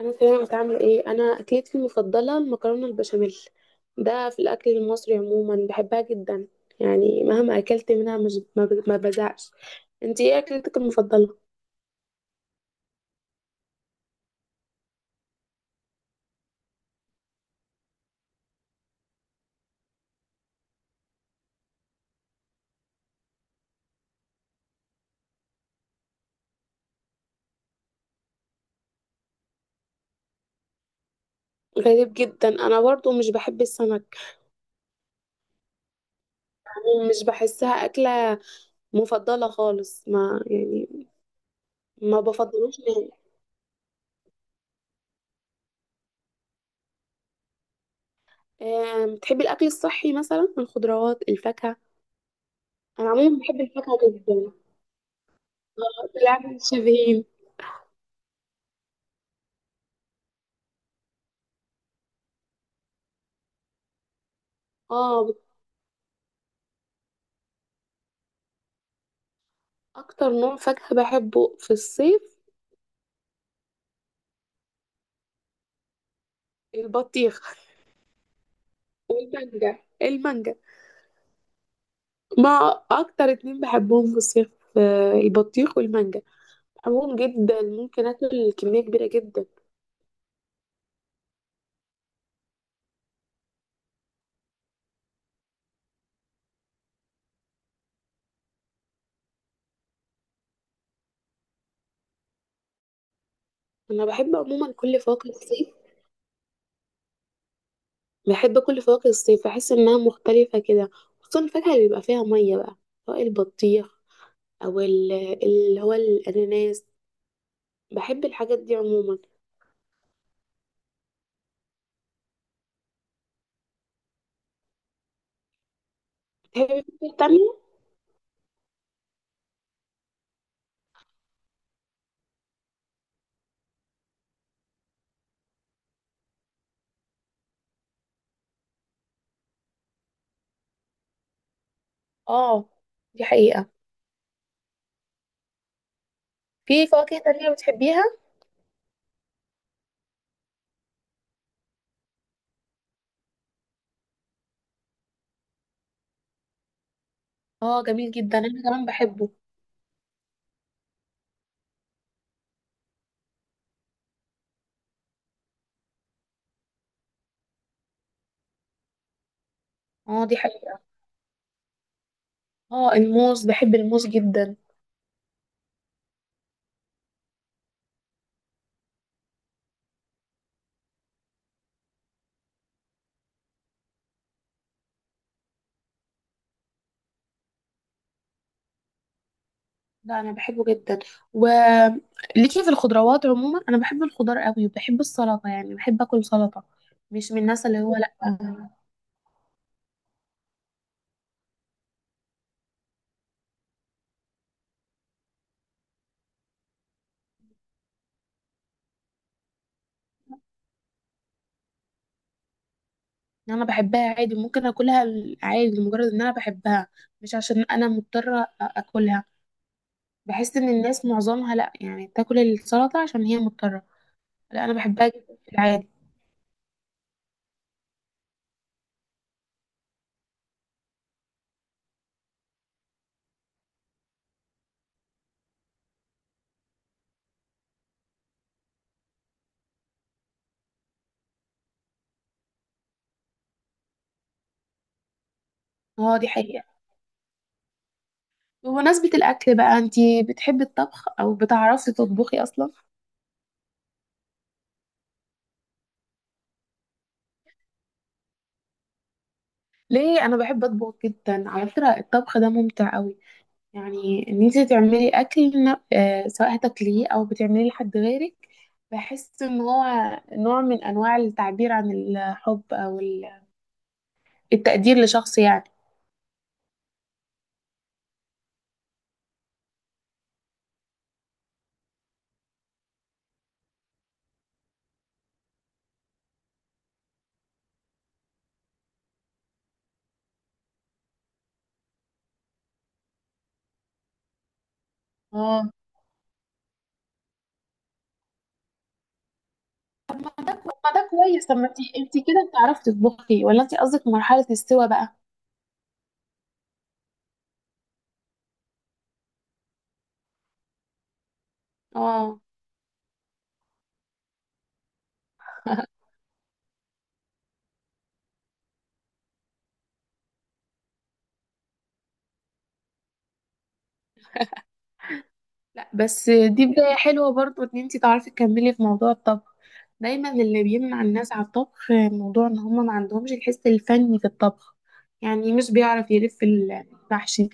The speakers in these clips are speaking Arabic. انا فاهمه عامله ايه. انا اكلتي المفضله المكرونه البشاميل، ده في الاكل المصري عموما بحبها جدا، يعني مهما اكلت منها مش ما بزهقش. انتي ايه اكلتك المفضله؟ غريب جدا، انا برضو مش بحب السمك، يعني مش بحسها اكله مفضله خالص، ما يعني ما بفضلوش نهائي. بتحبي الاكل الصحي مثلا الخضروات الفاكهه؟ انا عموما بحب الفاكهه جدا. بالعكس شبهين. اه، اكتر نوع فاكهه بحبه في الصيف البطيخ والمانجا، المانجا، ما اكتر اتنين بحبهم في الصيف البطيخ والمانجا، بحبهم جدا ممكن اكل كمية كبيرة جدا. انا بحب عموما كل فواكه الصيف، بحب كل فواكه الصيف، بحس انها مختلفة كده، خصوصا الفاكهة اللي بيبقى فيها مية بقى، سواء البطيخ او ال- اللي هو الاناناس، بحب الحاجات دي عموما. بتحبي فواكه تانية؟ اه دي حقيقة. في فواكه تانية بتحبيها؟ اه جميل جدا، انا كمان بحبه. اه دي حقيقة. اه الموز، بحب الموز جدا. لا انا بحبه جدا. وليكي في الخضروات عموما، انا بحب الخضار قوي، وبحب السلطه، يعني بحب اكل سلطه، مش من الناس اللي هو لا. إن انا بحبها عادي، ممكن اكلها عادي لمجرد ان انا بحبها، مش عشان اكلها. بحس ان الناس معظمها لا يعني تاكل السلطه عشان هي مضطره. لا انا بحبها جدا في العادي. اه دي حقيقه. بمناسبه الاكل بقى، انتي بتحبي الطبخ او بتعرفي تطبخي اصلا؟ ليه؟ انا بحب اطبخ جدا، على فكره الطبخ ده ممتع قوي، يعني ان انت تعملي اكل سواء هتاكليه او بتعمليه لحد غيرك، بحس ان هو نوع من انواع التعبير عن الحب او التقدير لشخص يعني. اه طب ما ده كويس، طب ما انت كده بتعرفي تطبخي ولا انت قصدك مرحله السوا بقى؟ اه لا، بس دي بداية حلوة برضو ان انتي تعرفي تكملي في موضوع الطبخ. دايما اللي بيمنع الناس على الطبخ موضوع ان هما ما عندهمش الحس الفني في الطبخ، يعني مش بيعرف يلف المحشي.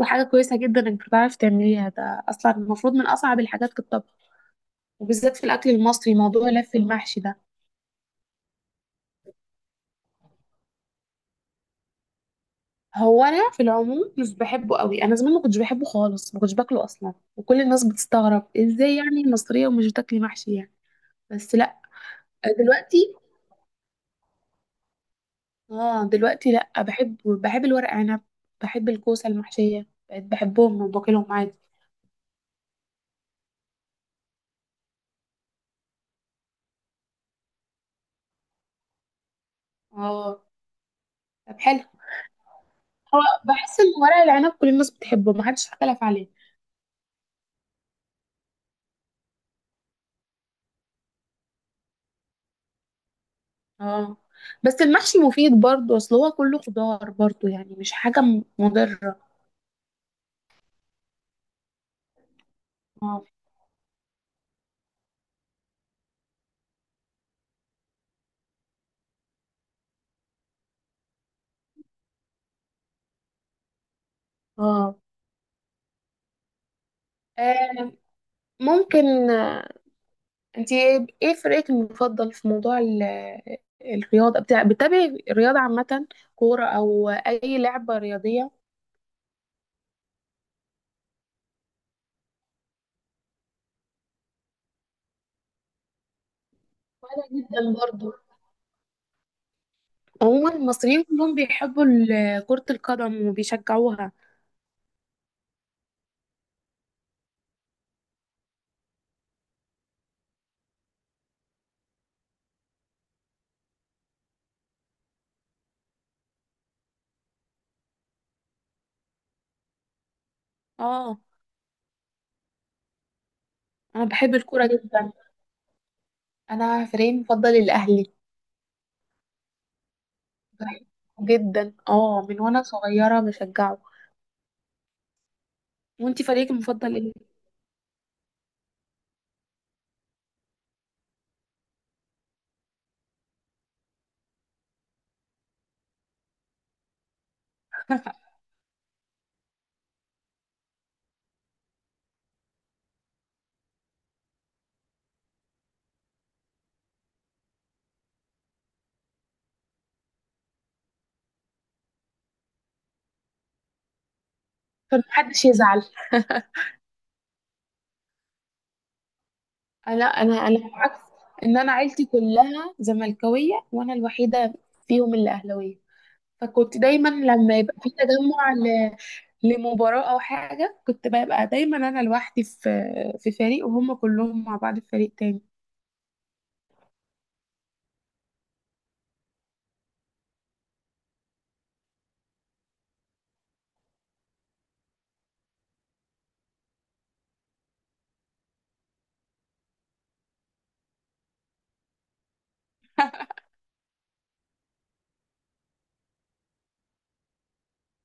وحاجة كويسة جدا انك بتعرفي تعمليها، ده اصلا المفروض من اصعب الحاجات في الطبخ، وبالذات في الاكل المصري موضوع لف المحشي ده. هو انا في العموم مش بحبه قوي، انا زمان ما كنتش بحبه خالص، ما كنتش باكله اصلا، وكل الناس بتستغرب ازاي يعني المصرية ومش بتاكلي محشي يعني. بس لا، دلوقتي، اه دلوقتي لأ، بحب الورق عنب، بحب الكوسة المحشية، بقيت بحبهم وباكلهم عادي. اه طب حلو. هو بحس ان ورق العنب كل الناس بتحبه، محدش اختلف عليه. اه بس المحشي مفيد برضه، اصل هو كله خضار برضه، يعني مش مضرة. اه. اه. آه، ممكن آه، انتي ايه إيه فريقك المفضل في موضوع الرياضة؟ بتاع بتتابعي الرياضة عامة؟ كورة او اي لعبة رياضية؟ وانا جدا برضه. عموما المصريين كلهم بيحبوا كرة القدم وبيشجعوها. اه انا بحب الكورة جدا، انا فريقي المفضل الاهلي، بحبه جدا، اه من وانا صغيرة بشجعه. وانتي فريقك المفضل ايه؟ فمحدش يزعل. لا انا العكس، ان انا عيلتي كلها زملكاوية وانا الوحيدة فيهم اللي اهلاوية، فكنت دايما لما يبقى في لمباراة او حاجة، كنت ببقى دايما انا لوحدي في في فريق وهم كلهم مع بعض في فريق تاني.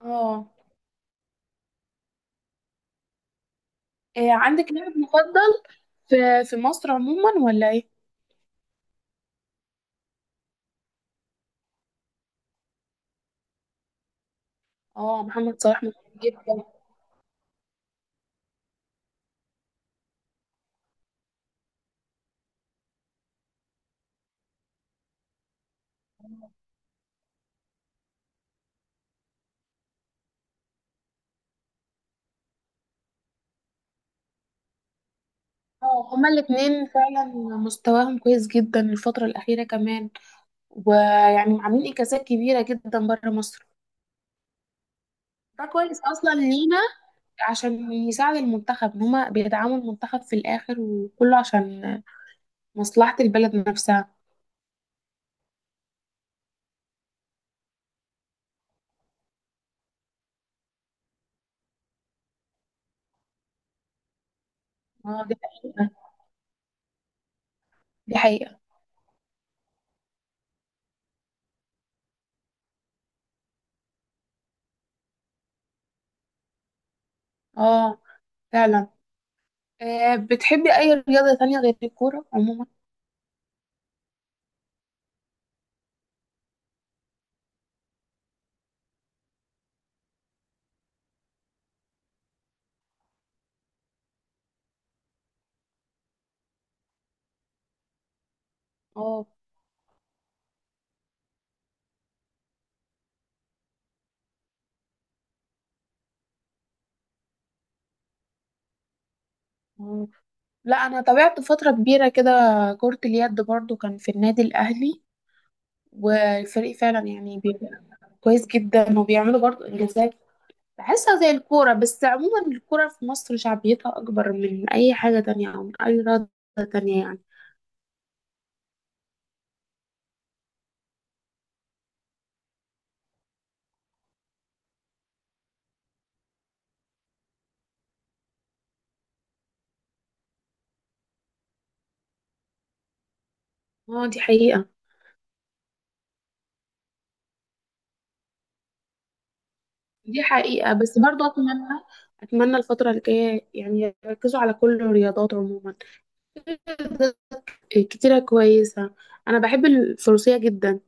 اه إيه عندك لاعب مفضل في في مصر عموما ولا ايه؟ اه محمد صلاح ممتاز جدا. اه هما الاتنين فعلا مستواهم كويس جدا الفترة الأخيرة كمان، ويعني عاملين إنجازات كبيرة جدا بره مصر. ده كويس أصلا لينا عشان يساعد المنتخب، إن هما بيدعموا المنتخب في الآخر، وكله عشان مصلحة البلد نفسها. اه دي حقيقة. دي حقيقة. اه فعلا. آه بتحبي أي رياضة تانية غير الكورة عموما؟ اه لا انا تابعت فتره كبيره كده كره اليد برضو، كان في النادي الاهلي، والفريق فعلا كويس جدا، وبيعملوا برضو انجازات، بحسها زي الكوره. بس عموما الكوره في مصر شعبيتها اكبر من اي حاجه تانية، او من اي رياضه تانية يعني. اه دي حقيقه. دي حقيقه، بس برضو اتمنى، اتمنى الفتره الجايه يعني يركزوا على كل الرياضات عموما، كتيره كويسه. انا بحب الفروسيه جدا،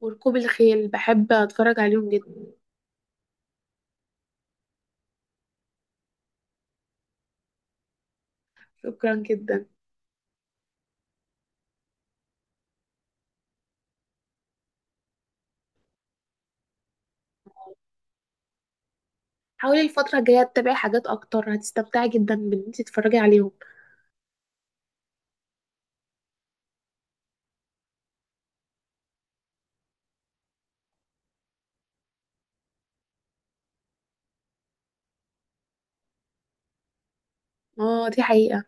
وركوب الخيل، بحب اتفرج عليهم جدا. شكرا جدا. حاولي الفترة الجاية تتابعي حاجات أكتر، هتستمتعي جدا بإن انتي تتفرجي عليهم. اه دي حقيقة.